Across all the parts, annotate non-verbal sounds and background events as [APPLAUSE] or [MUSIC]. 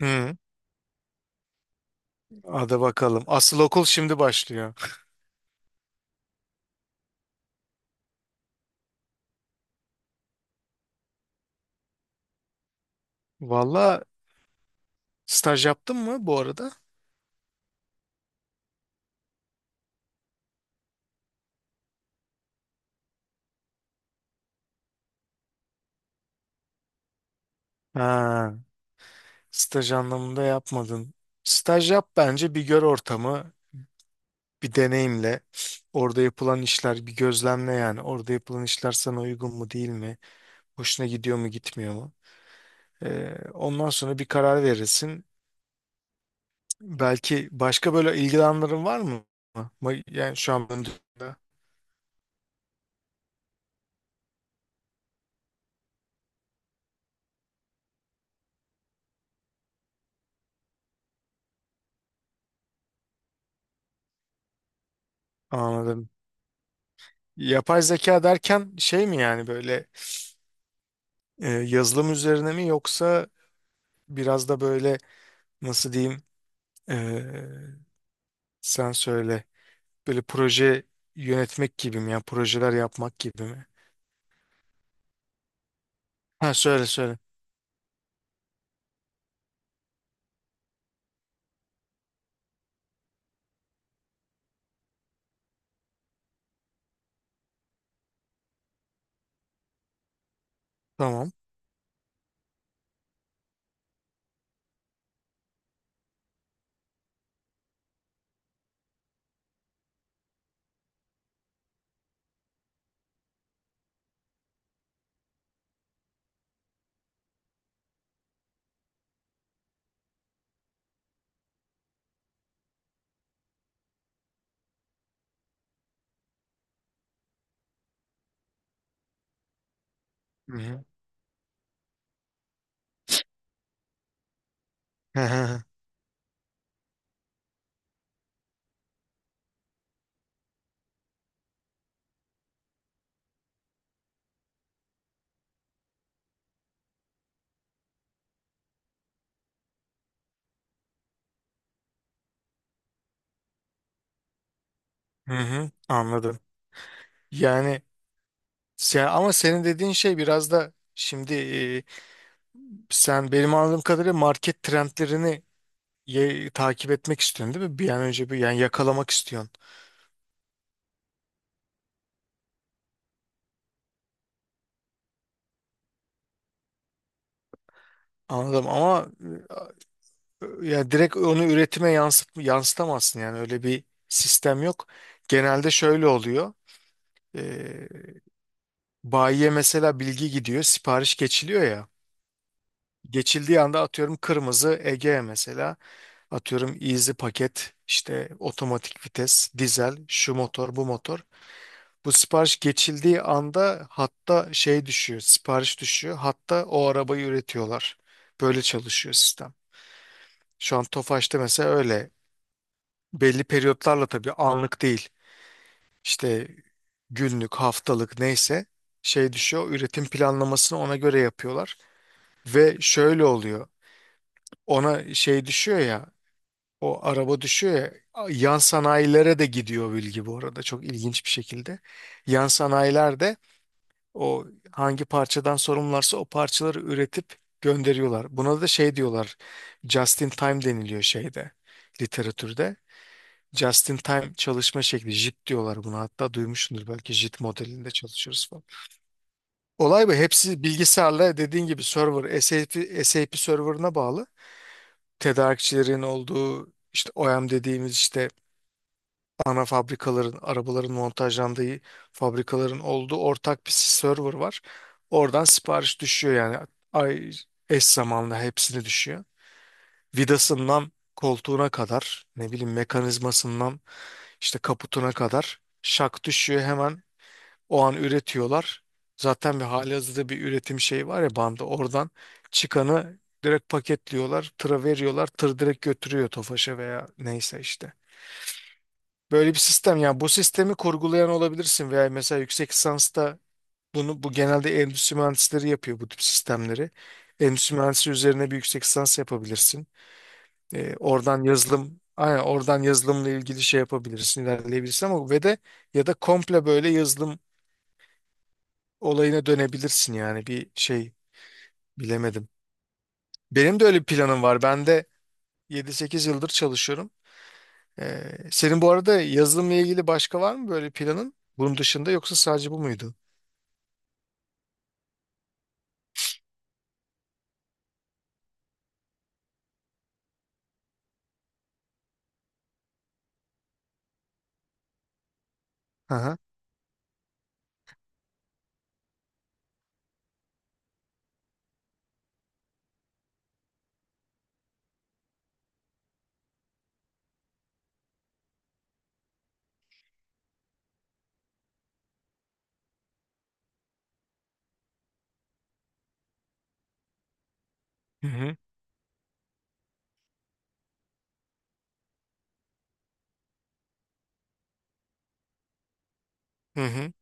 Hı, hadi bakalım. Asıl okul şimdi başlıyor. [LAUGHS] Valla, staj yaptın mı bu arada? Ha, staj anlamında yapmadın. Staj yap, bence bir gör ortamı, bir deneyimle. Orada yapılan işler bir gözlemle yani. Orada yapılan işler sana uygun mu değil mi? Hoşuna gidiyor mu gitmiyor mu? Ondan sonra bir karar verirsin. Belki başka böyle ilgili var mı? Yani şu an anladım. Yapay zeka derken şey mi, yani böyle E, yazılım üzerine mi, yoksa biraz da böyle nasıl diyeyim, e, sen söyle, böyle proje yönetmek gibi mi, yani projeler yapmak gibi mi? Ha, söyle söyle. Tamam. Hı hı. [LAUGHS] Hı hı. Anladım. Yani sen, ama senin dediğin şey biraz da şimdi, sen benim anladığım kadarıyla market trendlerini takip etmek istiyorsun değil mi? Bir an önce bir yani yakalamak istiyorsun. Anladım ama e, yani direkt onu üretime yansıtamazsın, yani öyle bir sistem yok. Genelde şöyle oluyor. Ee, Bayiye mesela bilgi gidiyor, sipariş geçiliyor ya. Geçildiği anda atıyorum kırmızı Ege mesela, atıyorum easy paket, işte otomatik vites, dizel, şu motor, bu motor. Bu sipariş geçildiği anda hatta şey düşüyor, sipariş düşüyor. Hatta o arabayı üretiyorlar. Böyle çalışıyor sistem. Şu an Tofaş'ta mesela öyle, belli periyotlarla, tabii anlık değil. İşte günlük, haftalık neyse şey düşüyor. Üretim planlamasını ona göre yapıyorlar. Ve şöyle oluyor. Ona şey düşüyor ya, o araba düşüyor ya, yan sanayilere de gidiyor bilgi bu arada, çok ilginç bir şekilde. Yan sanayiler de o hangi parçadan sorumlularsa o parçaları üretip gönderiyorlar. Buna da şey diyorlar, just in time deniliyor şeyde, literatürde. Just in time çalışma şekli. JIT diyorlar buna. Hatta duymuşsundur belki JIT modelinde çalışıyoruz falan. Olay bu. Hepsi bilgisayarla, dediğin gibi server SAP, SAP serverına bağlı. Tedarikçilerin olduğu, işte OEM dediğimiz, işte ana fabrikaların, arabaların montajlandığı fabrikaların olduğu ortak bir server var. Oradan sipariş düşüyor, yani ay, eş zamanlı hepsini düşüyor. Vidasından koltuğuna kadar, ne bileyim, mekanizmasından, İşte kaputuna kadar. Şak düşüyor, hemen o an üretiyorlar. Zaten bir halihazırda bir üretim şeyi var ya, bandı. Oradan çıkanı direkt paketliyorlar, tıra veriyorlar. Tır direkt götürüyor Tofaş'a veya neyse işte. Böyle bir sistem, yani bu sistemi kurgulayan olabilirsin veya mesela yüksek lisansta bunu, bu genelde endüstri mühendisleri yapıyor, bu tip sistemleri. Endüstri mühendisi üzerine bir yüksek lisans yapabilirsin. Oradan yazılım, aynen oradan yazılımla ilgili şey yapabilirsin, ilerleyebilirsin, ama ve de ya da komple böyle yazılım olayına dönebilirsin, yani bir şey bilemedim. Benim de öyle bir planım var. Ben de yedi sekiz yıldır çalışıyorum. E, senin bu arada yazılımla ilgili başka var mı böyle planın? Bunun dışında yoksa sadece bu muydu? Aha. Hı hı. Hı hı.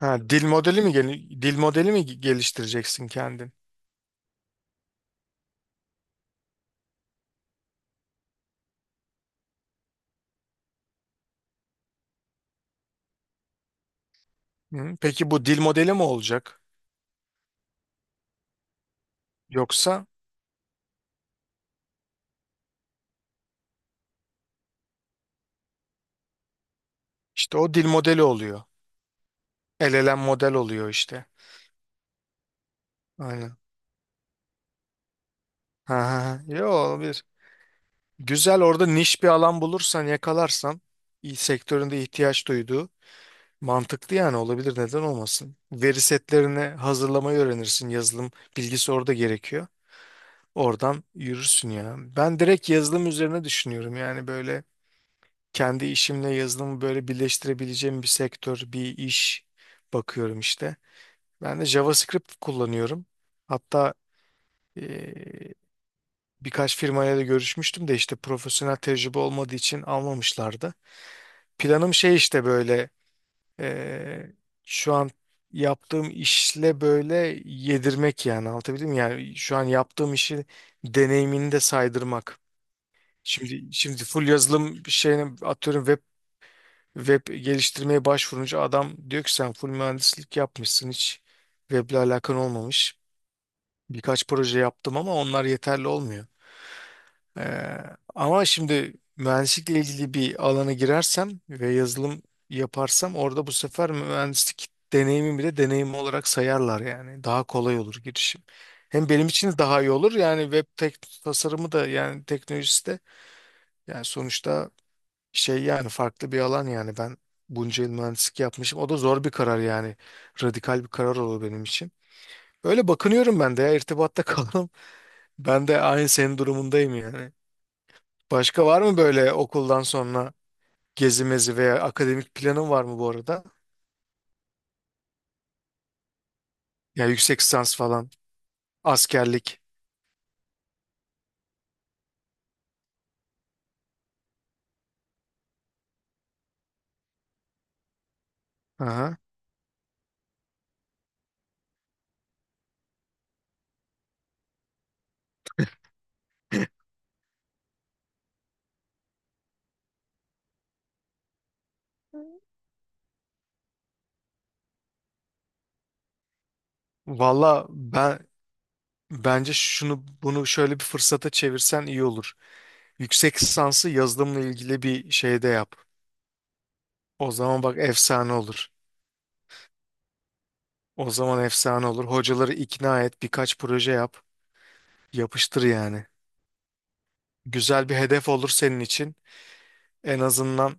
Ha, dil modeli mi geliştireceksin kendin? Hı. Peki bu dil modeli mi olacak? Yoksa işte o dil modeli oluyor. El elem model oluyor işte. Aynen. Ha, ha, ha. Yo, olabilir. Güzel, orada niş bir alan bulursan, yakalarsan, sektöründe ihtiyaç duyduğu, mantıklı yani, olabilir, neden olmasın. Veri setlerini hazırlamayı öğrenirsin. Yazılım bilgisi orada gerekiyor. Oradan yürürsün ya. Ben direkt yazılım üzerine düşünüyorum. Yani böyle kendi işimle yazılımı böyle birleştirebileceğim bir sektör, bir iş bakıyorum işte. Ben de JavaScript kullanıyorum. Hatta birkaç firmayla da görüşmüştüm de işte profesyonel tecrübe olmadığı için almamışlardı. Planım şey, işte böyle eee, şu an yaptığım işle böyle yedirmek, yani anlatabildim mi? Yani şu an yaptığım işi, deneyimini de saydırmak. Şimdi full yazılım şeyine, atıyorum web, web geliştirmeye başvurunca adam diyor ki sen full mühendislik yapmışsın, hiç weble alakan olmamış. Birkaç proje yaptım ama onlar yeterli olmuyor. Ee, Ama şimdi mühendislikle ilgili bir alana girersem ve yazılım yaparsam, orada bu sefer mühendislik deneyimi bile deneyim olarak sayarlar yani. Daha kolay olur girişim. Hem benim için de daha iyi olur yani. Web tek tasarımı da yani, teknolojisi de yani, sonuçta şey yani, farklı bir alan yani, ben bunca yıl mühendislik yapmışım. O da zor bir karar yani. Radikal bir karar olur benim için. Öyle bakınıyorum ben de ya, irtibatta [LAUGHS] kalalım. Ben de aynı senin durumundayım yani. Başka var mı böyle okuldan sonra gezi mezi veya akademik planın var mı bu arada? Ya yüksek lisans falan, askerlik. Aha. Valla [CLEARS THROAT] ben, bence şunu bunu şöyle bir fırsata çevirsen iyi olur. Yüksek lisansı yazılımla ilgili bir şeyde yap. O zaman bak, efsane olur. O zaman efsane olur. Hocaları ikna et, birkaç proje yap. Yapıştır yani. Güzel bir hedef olur senin için. En azından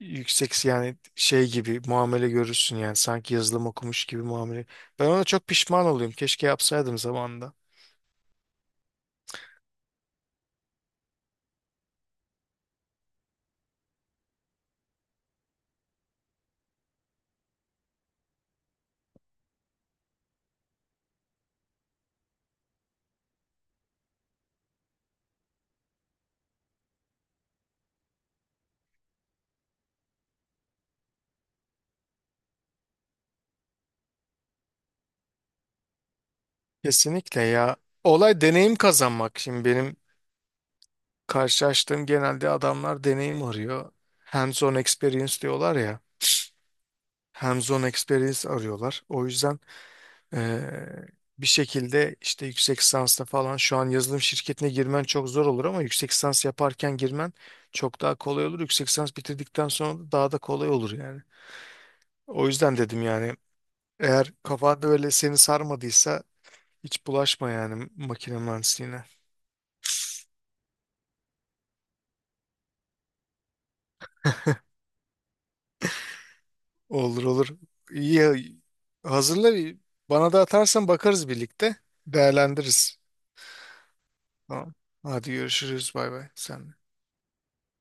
yüksek, yani şey gibi muamele görürsün yani, sanki yazılım okumuş gibi muamele. Ben ona çok pişman oluyorum. Keşke yapsaydım zamanında. Kesinlikle ya. Olay deneyim kazanmak. Şimdi benim karşılaştığım, genelde adamlar deneyim arıyor. Hands-on experience diyorlar ya. Hands-on experience arıyorlar. O yüzden eee, bir şekilde işte yüksek lisansla falan şu an yazılım şirketine girmen çok zor olur, ama yüksek lisans yaparken girmen çok daha kolay olur. Yüksek lisans bitirdikten sonra da daha da kolay olur yani. O yüzden dedim yani, eğer kafanda öyle seni sarmadıysa hiç bulaşma yani makine mühendisliğine. Olur olur. İyi ya, hazırla, bana da atarsan bakarız birlikte, değerlendiririz. Tamam. Hadi görüşürüz, bay bay sen. de.